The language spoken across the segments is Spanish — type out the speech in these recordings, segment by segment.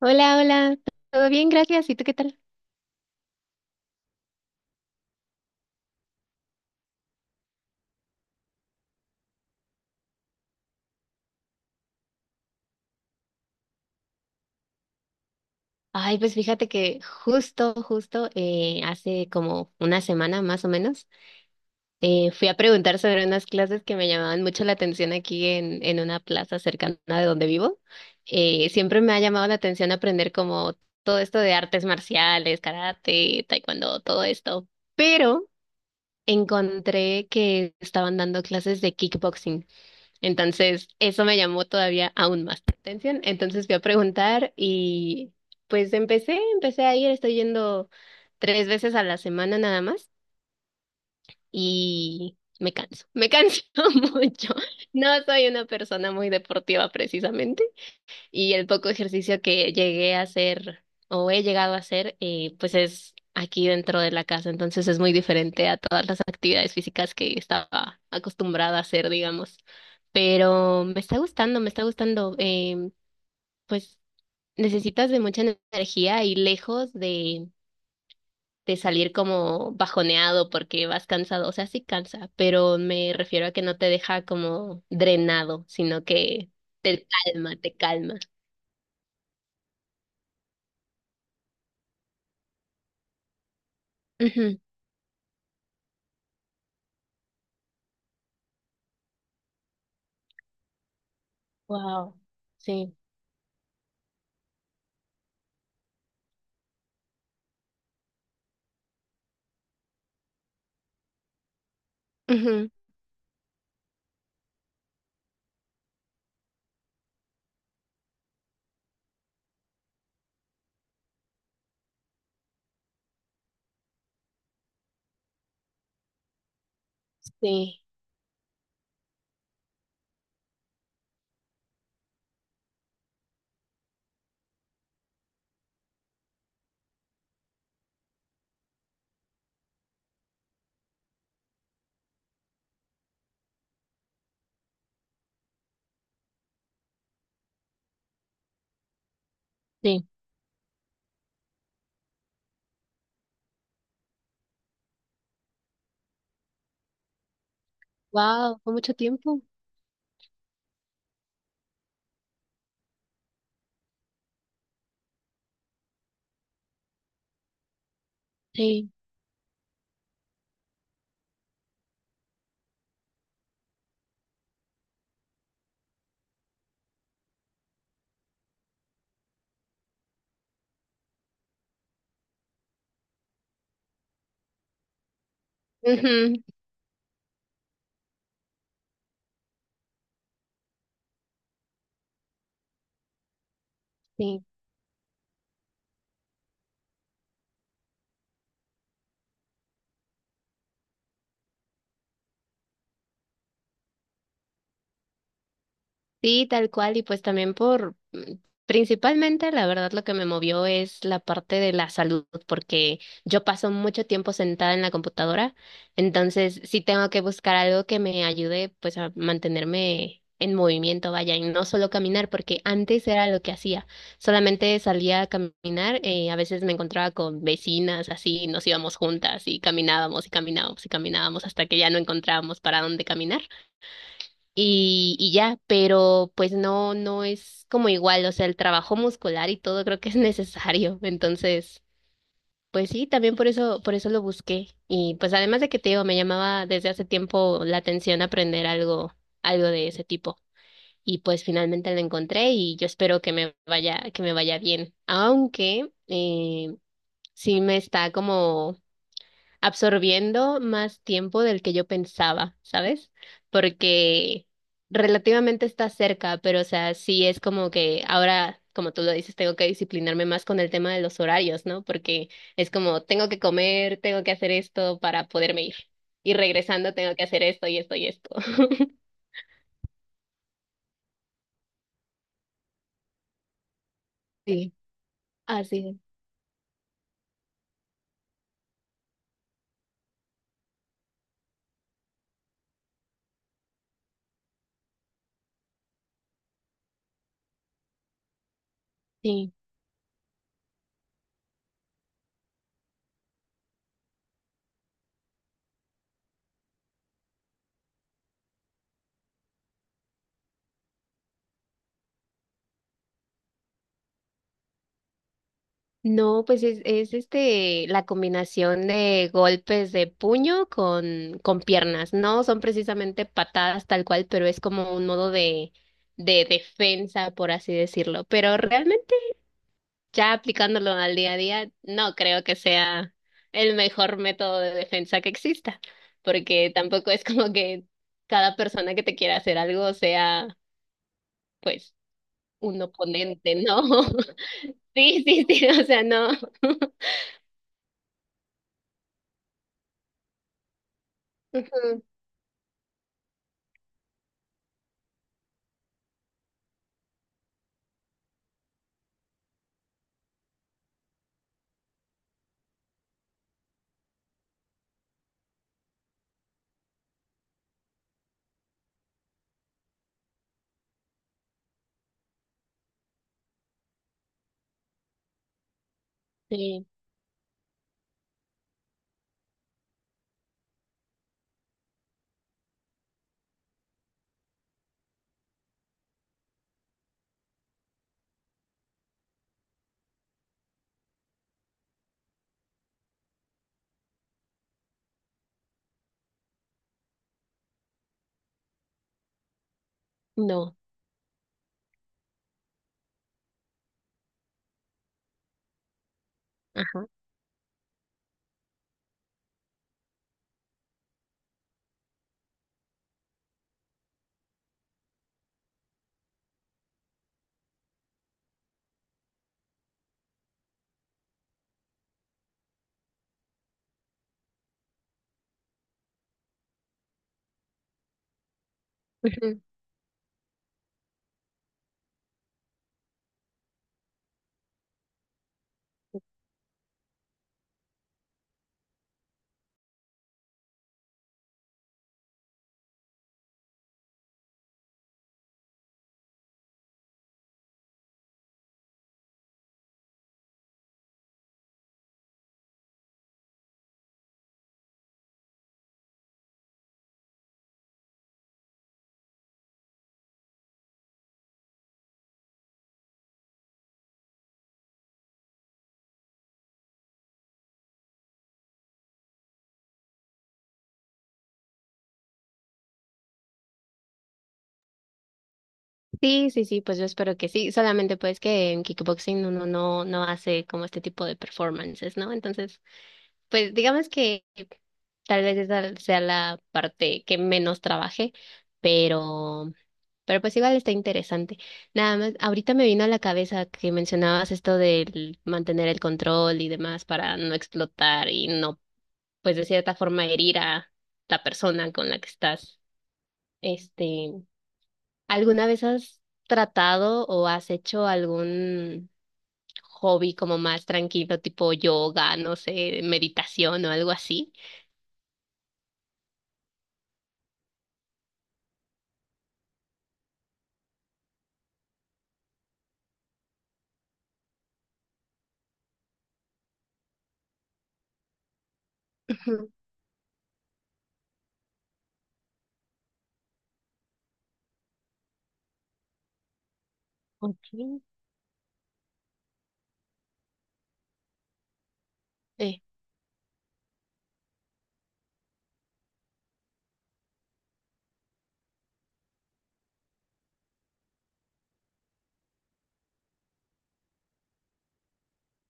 Hola, hola, todo bien, gracias. ¿Y tú qué tal? Ay, pues fíjate que justo, justo, hace como una semana más o menos, fui a preguntar sobre unas clases que me llamaban mucho la atención aquí en una plaza cercana de donde vivo. Siempre me ha llamado la atención aprender como todo esto de artes marciales, karate, taekwondo, todo esto. Pero encontré que estaban dando clases de kickboxing. Entonces, eso me llamó todavía aún más la atención. Entonces fui a preguntar y pues empecé a ir, estoy yendo tres veces a la semana nada más y me canso mucho. No soy una persona muy deportiva precisamente. Y el poco ejercicio que llegué a hacer o he llegado a hacer, pues es aquí dentro de la casa. Entonces es muy diferente a todas las actividades físicas que estaba acostumbrada a hacer, digamos. Pero me está gustando, me está gustando. Pues necesitas de mucha energía y lejos de salir como bajoneado porque vas cansado. O sea, sí cansa, pero me refiero a que no te deja como drenado, sino que te calma, te calma. Ujú. Wow, sí, ujú, sí, sí. Wow, fue mucho tiempo. Sí, ujú, sí. Sí, tal cual, y pues también por, mm, principalmente la verdad lo que me movió es la parte de la salud, porque yo paso mucho tiempo sentada en la computadora, entonces sí tengo que buscar algo que me ayude pues a mantenerme en movimiento, vaya, y no solo caminar, porque antes era lo que hacía, solamente salía a caminar, a veces me encontraba con vecinas, así, nos íbamos juntas y caminábamos y caminábamos y caminábamos hasta que ya no encontrábamos para dónde caminar y ya, pero pues no, no es como igual, o sea, el trabajo muscular y todo creo que es necesario, entonces, pues sí, también por eso lo busqué y pues además de que te digo, me llamaba desde hace tiempo la atención aprender algo, algo de ese tipo y pues finalmente lo encontré y yo espero que me vaya bien, aunque, sí me está como absorbiendo más tiempo del que yo pensaba, ¿sabes? Porque relativamente está cerca, pero o sea, sí es como que ahora, como tú lo dices, tengo que disciplinarme más con el tema de los horarios, ¿no? Porque es como, tengo que comer, tengo que hacer esto para poderme ir. Y regresando tengo que hacer esto y esto y esto. Sí. Así es. No, pues es este la combinación de golpes de puño con piernas. No son precisamente patadas tal cual, pero es como un modo de defensa, por así decirlo. Pero realmente, ya aplicándolo al día a día, no creo que sea el mejor método de defensa que exista, porque tampoco es como que cada persona que te quiera hacer algo sea, pues, un oponente, ¿no? Sí, sí, sí, o sea, no. Ujú. Sí. No. Ajá. Ujú. Sí, sí, sí, pues yo espero que sí. Solamente pues que en kickboxing uno no, no hace como este tipo de performances, ¿no? Entonces, pues digamos que tal vez esa sea la parte que menos trabaje, pero, pero pues igual está interesante. Nada más, ahorita me vino a la cabeza que mencionabas esto del mantener el control y demás para no explotar y no, pues de cierta forma herir a la persona con la que estás, este. ¿Alguna vez has tratado o has hecho algún hobby como más tranquilo, tipo yoga, no sé, meditación o algo así? Ujú, ok. Eh,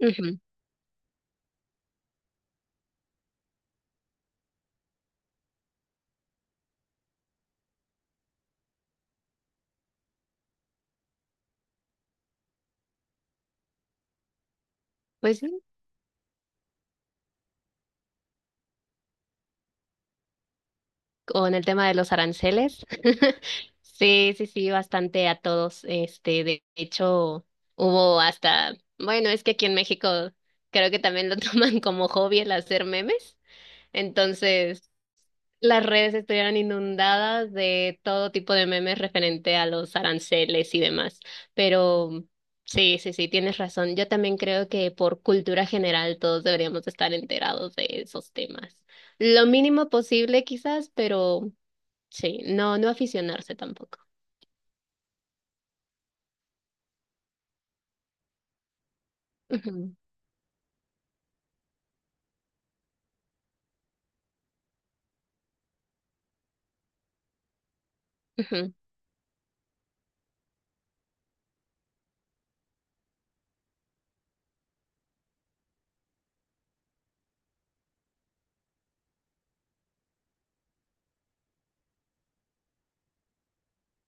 ujú. Pues sí, con el tema de los aranceles. Sí, sí, sí, bastante a todos. Este, de hecho, hubo hasta, bueno, es que aquí en México creo que también lo toman como hobby el hacer memes. Entonces, las redes estuvieran inundadas de todo tipo de memes referente a los aranceles y demás. Pero sí, sí, sí, tienes razón. Yo también creo que por cultura general todos deberíamos estar enterados de esos temas. Lo mínimo posible quizás, pero sí, no, no aficionarse tampoco. Ujú, ujú.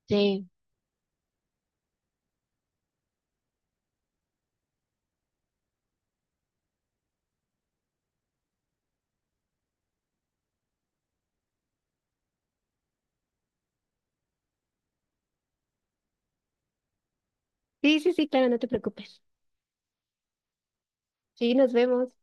Sí. Sí, sí, sí, claro, no te preocupes. Sí, nos vemos.